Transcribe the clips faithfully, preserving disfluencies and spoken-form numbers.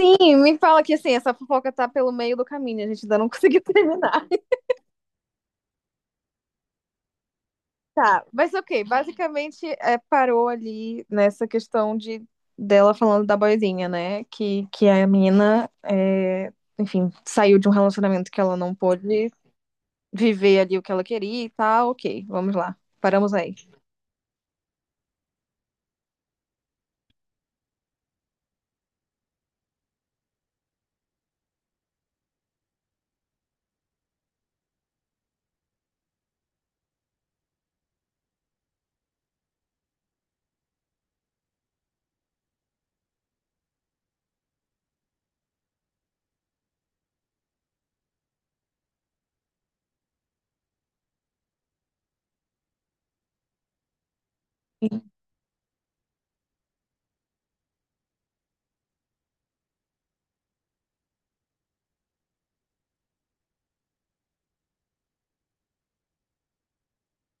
E me fala que assim, essa fofoca tá pelo meio do caminho, a gente ainda não conseguiu terminar. Tá, mas ok, basicamente é, parou ali nessa questão de dela falando da boizinha, né? Que, que a menina, é, enfim, saiu de um relacionamento que ela não pôde viver ali o que ela queria e tal. Ok, vamos lá. Paramos aí.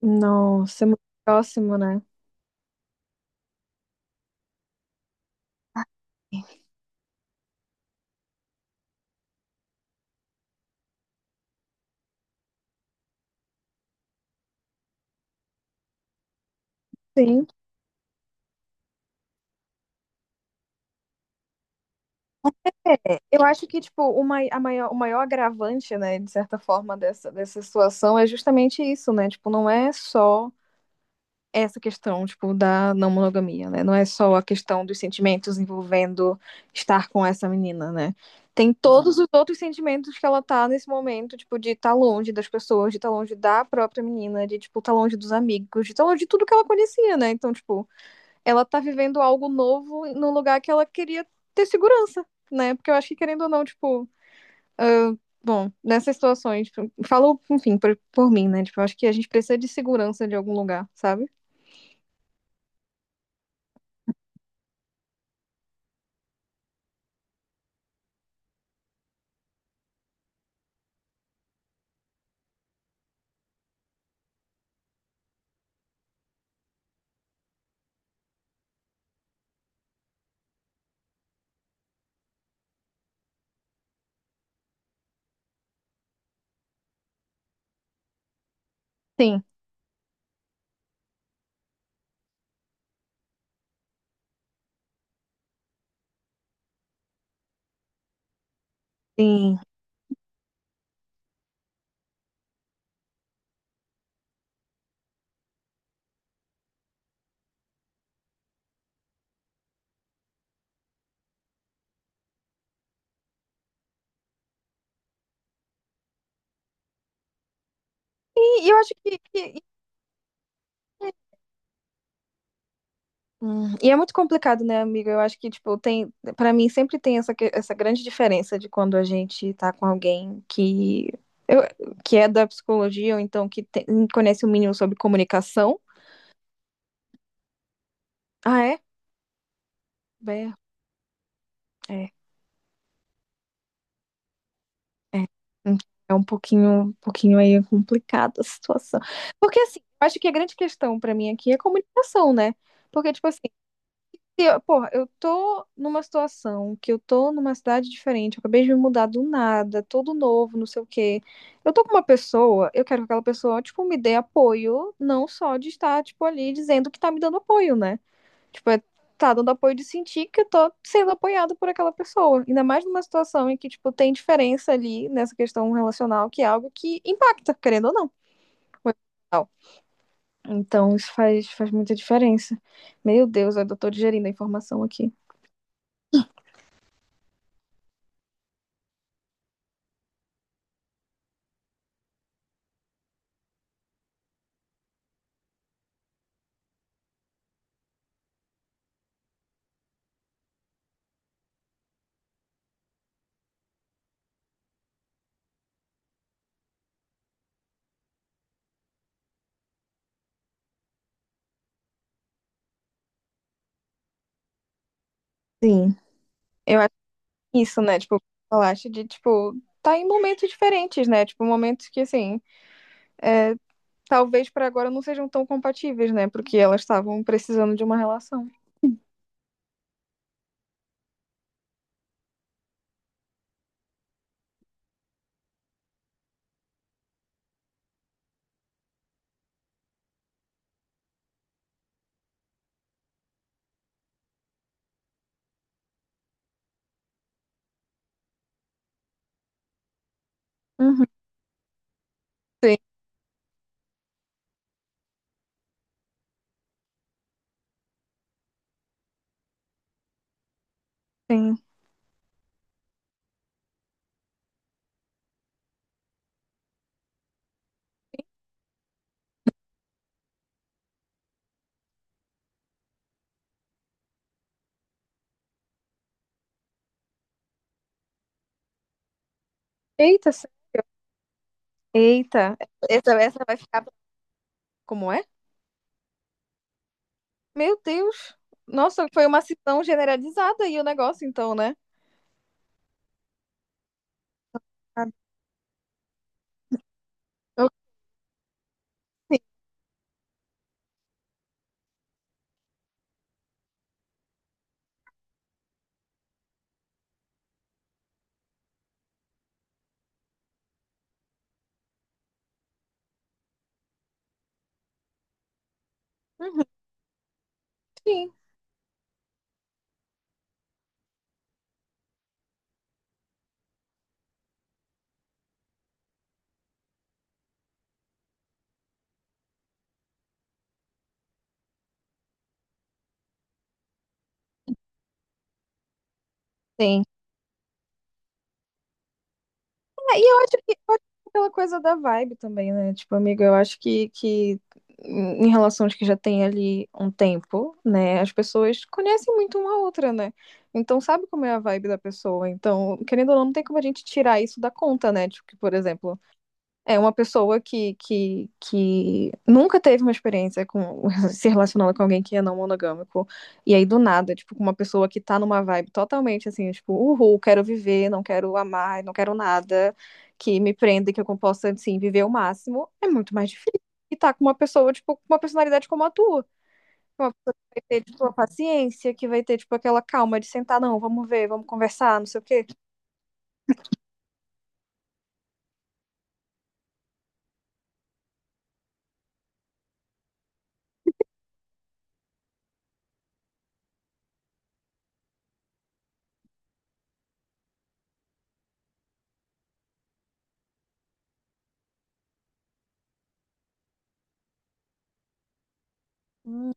Nossa, é muito próximo, né? Sim. Eu acho que, tipo, o mai- a maior, o maior agravante, né, de certa forma, dessa, dessa situação é justamente isso, né? Tipo, não é só essa questão, tipo, da não monogamia, né? Não é só a questão dos sentimentos envolvendo estar com essa menina, né? Tem todos os outros sentimentos que ela tá nesse momento, tipo, de estar longe das pessoas, de estar longe da própria menina, de, tipo, estar longe dos amigos, de estar longe de tudo que ela conhecia, né? Então, tipo, ela tá vivendo algo novo num lugar que ela queria ter segurança, né? Porque eu acho que, querendo ou não, tipo. Bom, nessas situações, tipo, falo, enfim, por, por mim, né? Tipo, eu acho que a gente precisa de segurança de algum lugar, sabe? Sim, sim. E, e eu acho que, que- Hum. E é muito complicado, né, amiga? Eu acho que, tipo, tem, para mim sempre tem essa, que... essa grande diferença de quando a gente tá com alguém que eu, que é da psicologia ou então que tem... conhece o mínimo sobre comunicação. Ah, é? É, é. É, hum, é um pouquinho, um pouquinho aí complicada a situação. Porque assim, eu acho que a grande questão pra mim aqui é a comunicação, né? Porque, tipo assim, se eu, porra, eu tô numa situação que eu tô numa cidade diferente, eu acabei de me mudar do nada, todo novo, não sei o quê. Eu tô com uma pessoa, eu quero que aquela pessoa, tipo, me dê apoio, não só de estar, tipo, ali dizendo que tá me dando apoio, né? Tipo, é, tá dando apoio de sentir que eu tô sendo apoiado por aquela pessoa. Ainda mais numa situação em que, tipo, tem diferença ali nessa questão relacional, que é algo que impacta, querendo ou não. Então, isso faz, faz muita diferença. Meu Deus, eu tô digerindo a informação aqui. Sim. Eu acho que é isso, né? Tipo, falaste de, tipo, tá em momentos diferentes, né? Tipo, momentos que, assim, talvez pra agora não sejam tão compatíveis, né? Porque elas estavam precisando de uma relação. Uhum, sim, sim. Eita, se- eita, essa, essa vai ficar pra... como é? Meu Deus, nossa, foi uma cisão generalizada aí o negócio, então, né? Ah. Uhum, sim, sim. É, e eu acho que pode ser aquela coisa da vibe também, né? Tipo, amigo, eu acho que, que em relação aos que já tem ali um tempo, né? As pessoas conhecem muito uma outra, né? Então sabe como é a vibe da pessoa. Então, querendo ou não, não tem como a gente tirar isso da conta, né? Tipo, que, por exemplo, é uma pessoa que, que, que nunca teve uma experiência com se relacionando com alguém que é não monogâmico. E aí, do nada, tipo, com uma pessoa que tá numa vibe totalmente assim, tipo, uhul, quero viver, não quero amar, não quero nada que me prenda, que eu possa, assim, viver o máximo, é muito mais difícil. E tá com uma pessoa, tipo, com uma personalidade como a tua. Uma pessoa que vai ter, tipo, a paciência, que vai ter, tipo, aquela calma de sentar, não, vamos ver, vamos conversar, não sei o quê. Hum.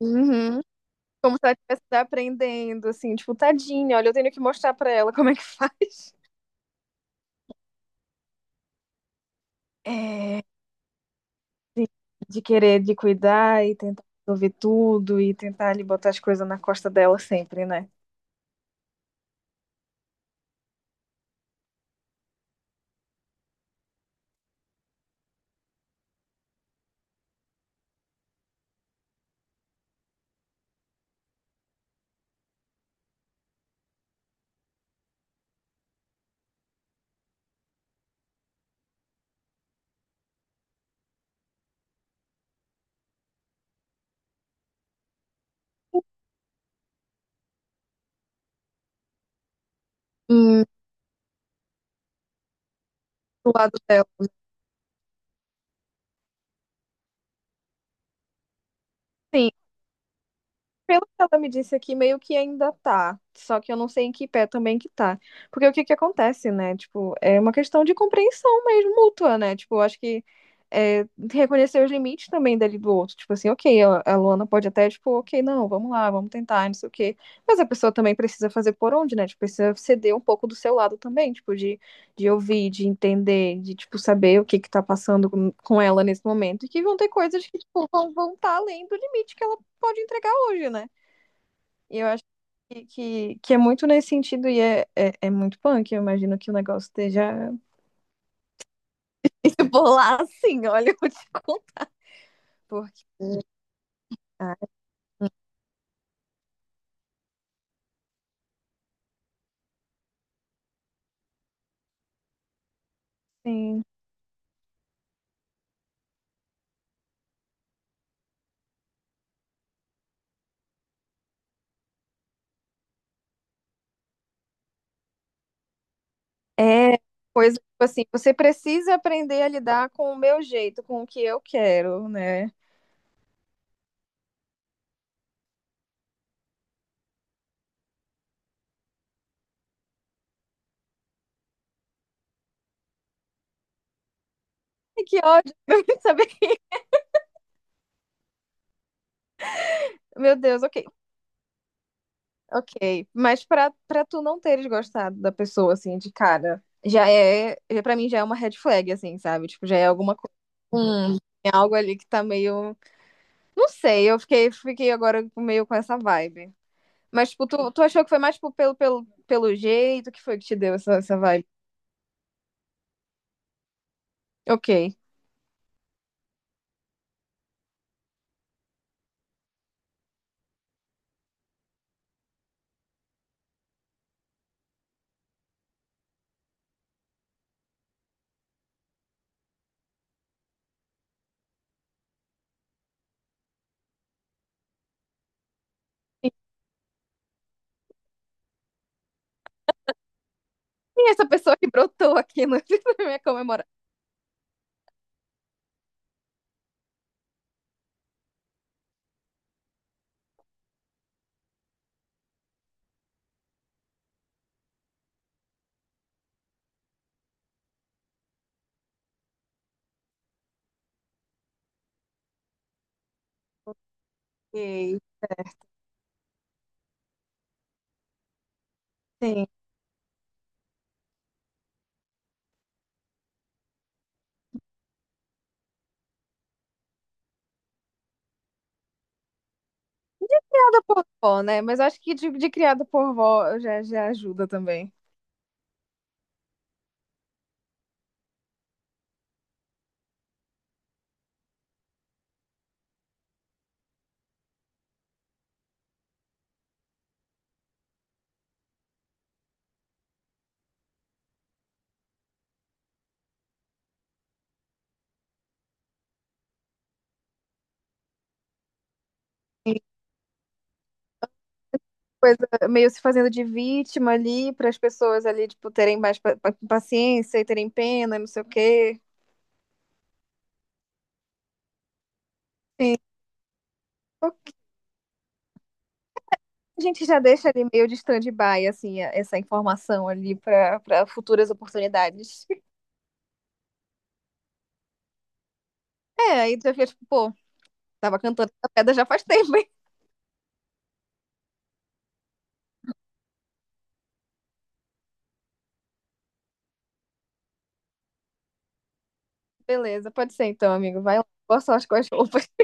Uhum. Como se ela estivesse aprendendo, assim, tipo, tadinha, olha, eu tenho que mostrar pra ela como é que faz. É, de, de querer, de cuidar e tentar resolver tudo e tentar ali botar as coisas na costa dela sempre, né? E do lado dela. Sim. Pelo que ela me disse aqui, meio que ainda tá. Só que eu não sei em que pé também que tá. Porque o que que acontece, né? Tipo, é uma questão de compreensão mesmo mútua, né? Tipo, eu acho que é, reconhecer os limites também dali do outro. Tipo assim, ok, a, a Luana pode até, tipo, ok, não, vamos lá, vamos tentar, não sei o quê. Mas a pessoa também precisa fazer por onde, né? Tipo, precisa ceder um pouco do seu lado também, tipo, de, de ouvir, de entender, de, tipo, saber o que que tá passando com, com ela nesse momento. E que vão ter coisas que, tipo, vão, vão tá além do limite que ela pode entregar hoje, né? E eu acho que, que, que é muito nesse sentido e é, é, é muito punk. Eu imagino que o negócio esteja por lá assim, olha, eu te conto. Porque, ah, assim, é coisa, tipo assim, você precisa aprender a lidar com o meu jeito, com o que eu quero, né? E que ódio, saber. Meu Deus, ok. Ok, mas pra, pra tu não teres gostado da pessoa, assim, de cara, já é, já- pra mim já é uma red flag, assim, sabe? Tipo, já é alguma coisa, hum, tem algo ali que tá meio, não sei, eu fiquei, fiquei agora meio com essa vibe. Mas, tipo, tu, tu achou que foi mais, tipo, pelo, pelo, pelo jeito que foi que te deu essa, essa vibe? Ok. Quem é essa pessoa que brotou aqui no, na minha comemoração? Ok, sim. Criada por vó, né? Mas eu acho que de, de criada por vó já, já ajuda também. Coisa meio se fazendo de vítima ali, para as pessoas ali, tipo, terem mais pa- pa- paciência e terem pena, e não sei o quê. Sim. A gente já deixa ali meio de stand-by, assim, a- essa informação ali para para futuras oportunidades. É, aí tu já fica tipo, pô, tava cantando essa pedra já faz tempo, hein? Beleza, pode ser então, amigo. Vai lá. Boa sorte com as roupas.